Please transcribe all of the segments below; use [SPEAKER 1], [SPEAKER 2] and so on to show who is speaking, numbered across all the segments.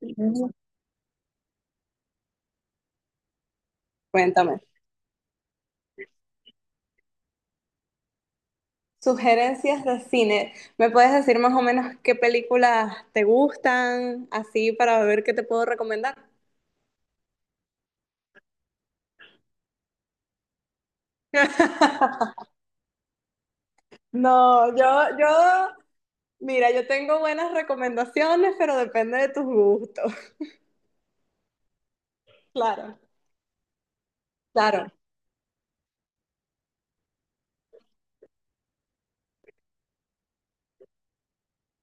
[SPEAKER 1] Mm. Cuéntame. Sugerencias de cine. ¿Me puedes decir más o menos qué películas te gustan, así para ver qué te puedo recomendar? No, yo, yo, mira, yo tengo buenas recomendaciones, pero depende de tus gustos. Claro, claro.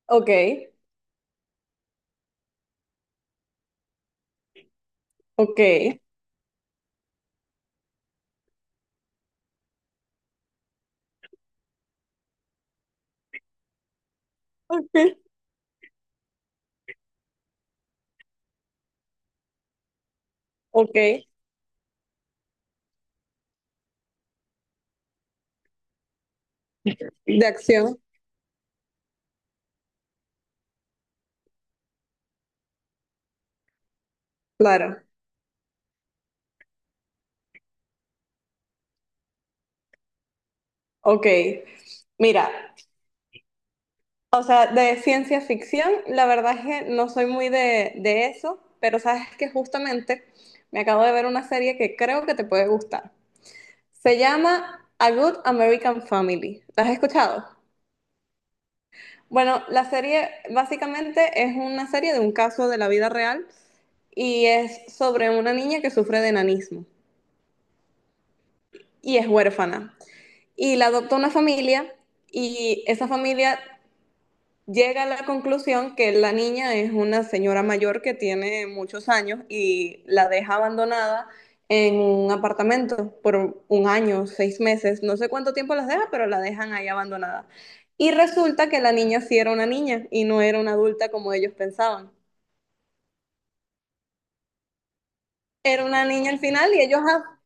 [SPEAKER 1] Ok, ok, ok, ok. De acción, claro. Ok. Mira, O sea, de ciencia ficción, la verdad es que no soy muy de eso, pero sabes que justamente me acabo de ver una serie que creo que te puede gustar. Se llama A Good American Family. ¿La has escuchado? Bueno, la serie básicamente es una serie de un caso de la vida real y es sobre una niña que sufre de enanismo y es huérfana. Y la adopta una familia y esa familia llega a la conclusión que la niña es una señora mayor que tiene muchos años y la deja abandonada en un apartamento por un año, 6 meses, no sé cuánto tiempo las deja, pero la dejan ahí abandonada. Y resulta que la niña sí era una niña y no era una adulta como ellos pensaban. Era una niña al final y ellos, ah,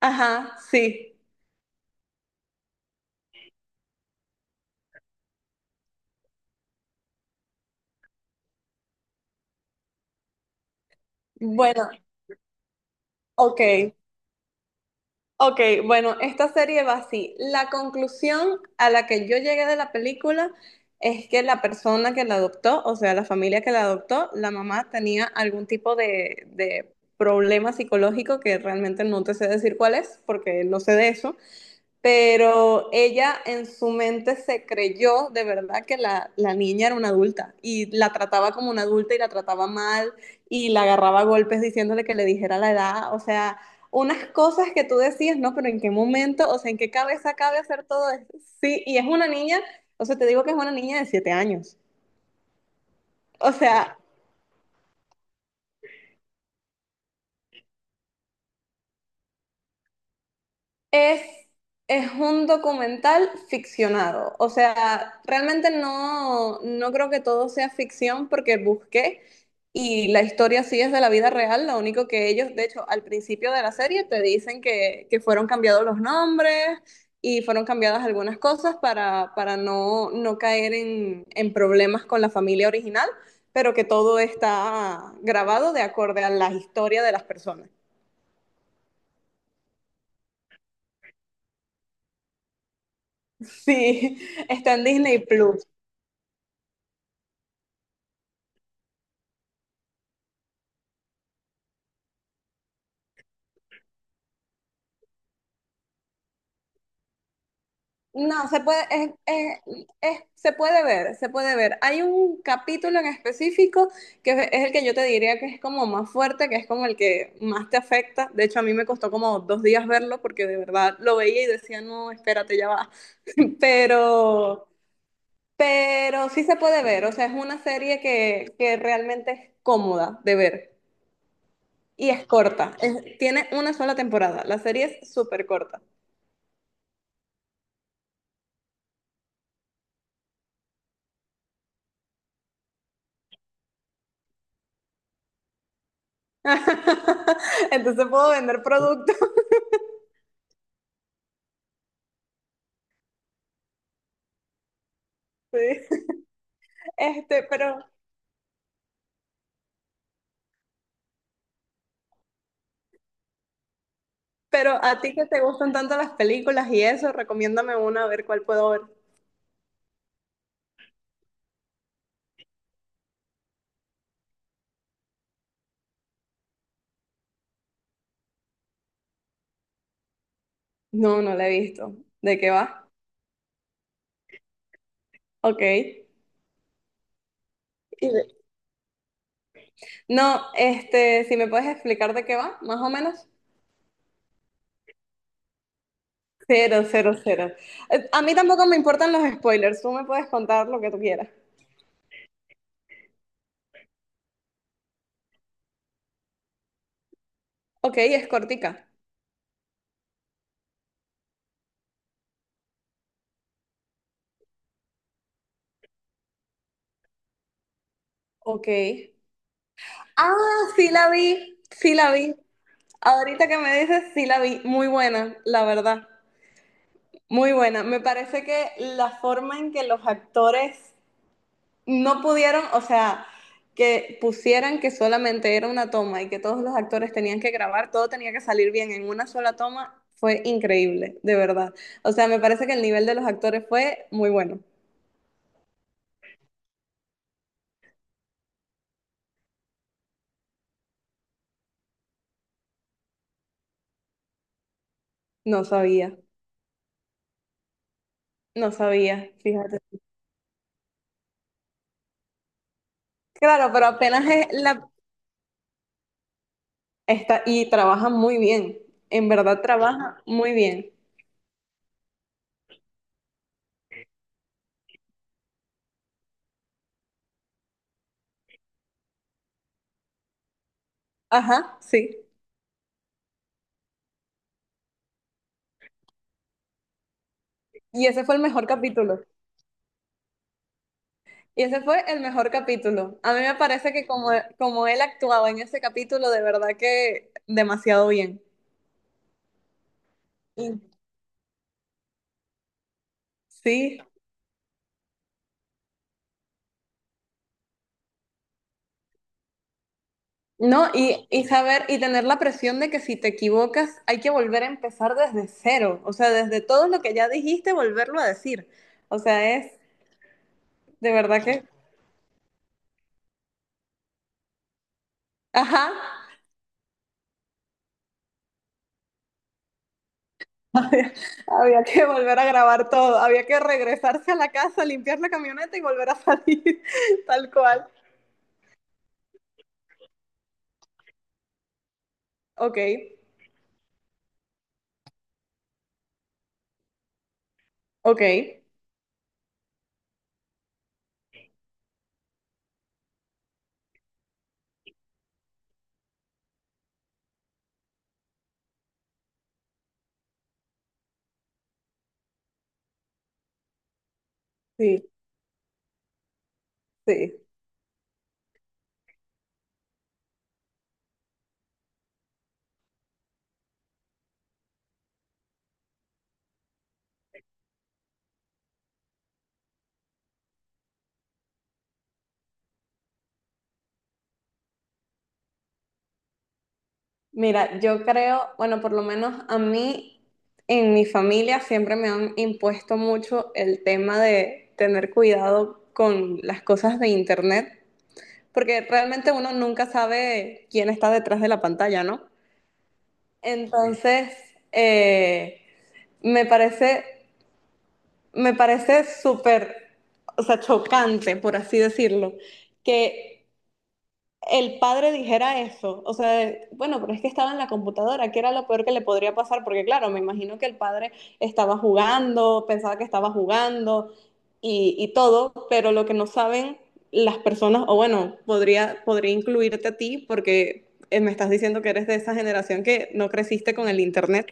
[SPEAKER 1] ajá, sí. Bueno, ok. Ok, bueno, esta serie va así. La conclusión a la que yo llegué de la película es que la persona que la adoptó, o sea, la familia que la adoptó, la mamá tenía algún tipo de problema psicológico que realmente no te sé decir cuál es, porque no sé de eso, pero ella en su mente se creyó de verdad que la niña era una adulta y la trataba como una adulta y la trataba mal y la agarraba a golpes diciéndole que le dijera la edad, o sea, unas cosas que tú decías, ¿no? Pero en qué momento, o sea, en qué cabeza cabe hacer todo esto. Sí, y es una niña, o sea, te digo que es una niña de 7 años. O sea, Es, es un documental ficcionado. O sea, realmente no, no creo que todo sea ficción porque busqué y la historia sí es de la vida real. Lo único que ellos, de hecho, al principio de la serie te dicen que fueron cambiados los nombres y fueron cambiadas algunas cosas para no, no caer en problemas con la familia original, pero que todo está grabado de acuerdo a la historia de las personas. Sí, está en Disney Plus. No, se puede, se puede ver, se puede ver. Hay un capítulo en específico que es el que yo te diría que es como más fuerte, que es como el que más te afecta. De hecho, a mí me costó como 2 días verlo porque de verdad lo veía y decía, no, espérate, ya va. Pero, pero sí se puede ver, o sea, es una serie que realmente es cómoda de ver y es corta. Es- tiene una sola temporada, la serie es súper corta. Entonces puedo vender productos. Sí. Este, pero, pero a ti que te gustan tanto las películas y eso, recomiéndame una a ver cuál puedo ver. No, no la he visto. ¿De qué va? Ok. De- No, este, si me puedes explicar de qué va, más o menos. Cero, cero, cero. A mí tampoco me importan los spoilers, tú me puedes contar lo que tú quieras. Ok, es cortica. Ok. Ah, sí la vi. Ahorita que me dices, sí la vi. Muy buena, la verdad. Muy buena. Me parece que la forma en que los actores no pudieron, o sea, que pusieran que solamente era una toma y que todos los actores tenían que grabar, todo tenía que salir bien en una sola toma, fue increíble, de verdad. O sea, me parece que el nivel de los actores fue muy bueno. No sabía, no sabía, fíjate. Claro, pero apenas es la... Está, y trabaja muy bien, en verdad trabaja muy bien. Ajá, sí. Y ese fue el mejor capítulo. Y ese fue el mejor capítulo. A mí me parece que como, como él actuaba en ese capítulo, de verdad que demasiado bien. Y- Sí. No, y saber y tener la presión de que si te equivocas hay que volver a empezar desde cero, o sea, desde todo lo que ya dijiste, volverlo a decir. O sea, es de verdad que, ajá, había, había que volver a grabar todo, había que regresarse a la casa, limpiar la camioneta y volver a salir, tal cual. Ok, ok. sí, sí. Mira, yo creo, bueno, por lo menos a mí, en mi familia siempre me han impuesto mucho el tema de tener cuidado con las cosas de internet, porque realmente uno nunca sabe quién está detrás de la pantalla, ¿no? Entonces, eh, me parece, me parece súper, o sea, chocante, por así decirlo, que el padre dijera eso, o sea, de, bueno, pero es que estaba en la computadora, que era lo peor que le podría pasar, porque claro, me imagino que el padre estaba jugando, pensaba que estaba jugando y todo, pero lo que no saben las personas, o bueno, podría incluirte a ti, porque me estás diciendo que eres de esa generación que no creciste con el internet.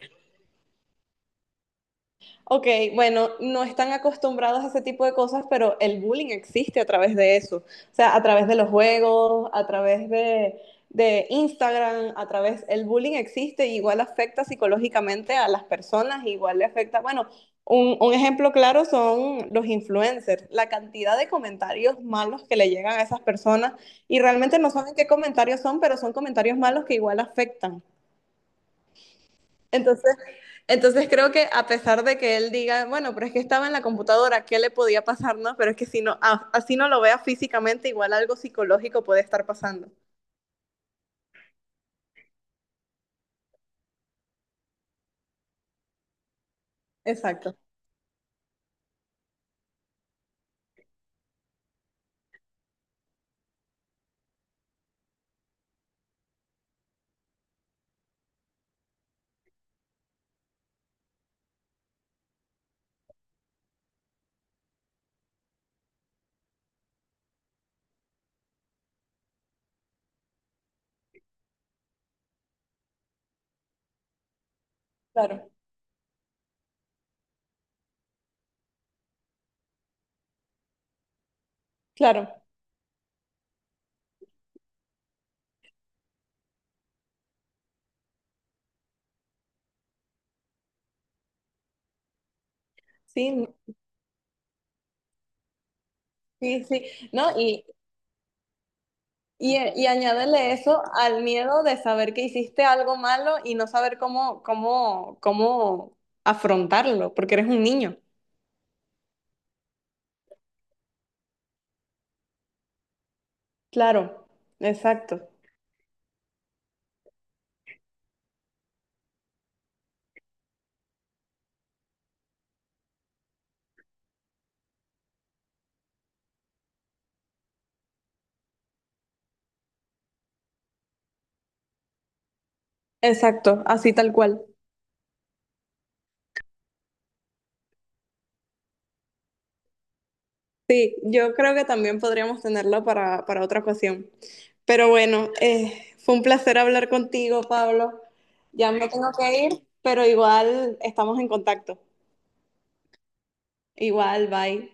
[SPEAKER 1] Ok, bueno, no están acostumbrados a ese tipo de cosas, pero el bullying existe a través de eso. O sea, a través de los juegos, a través de Instagram, a través, el bullying existe, y igual afecta psicológicamente a las personas, igual le afecta, bueno, un ejemplo claro son los influencers, la cantidad de comentarios malos que le llegan a esas personas y realmente no saben qué comentarios son, pero son comentarios malos que igual afectan. Entonces, entonces creo que a pesar de que él diga, bueno, pero es que estaba en la computadora, ¿qué le podía pasar? No, pero es que si no, así no lo vea físicamente, igual algo psicológico puede estar pasando. Exacto, claro, claro. Sí, sí. No, y añádele eso al miedo de saber que hiciste algo malo y no saber cómo, cómo afrontarlo, porque eres un niño. Claro, exacto, exacto, así tal cual. Sí, yo creo que también podríamos tenerla para otra ocasión. Pero bueno, fue un placer hablar contigo, Pablo. Ya me tengo que ir, pero igual estamos en contacto. Igual, bye.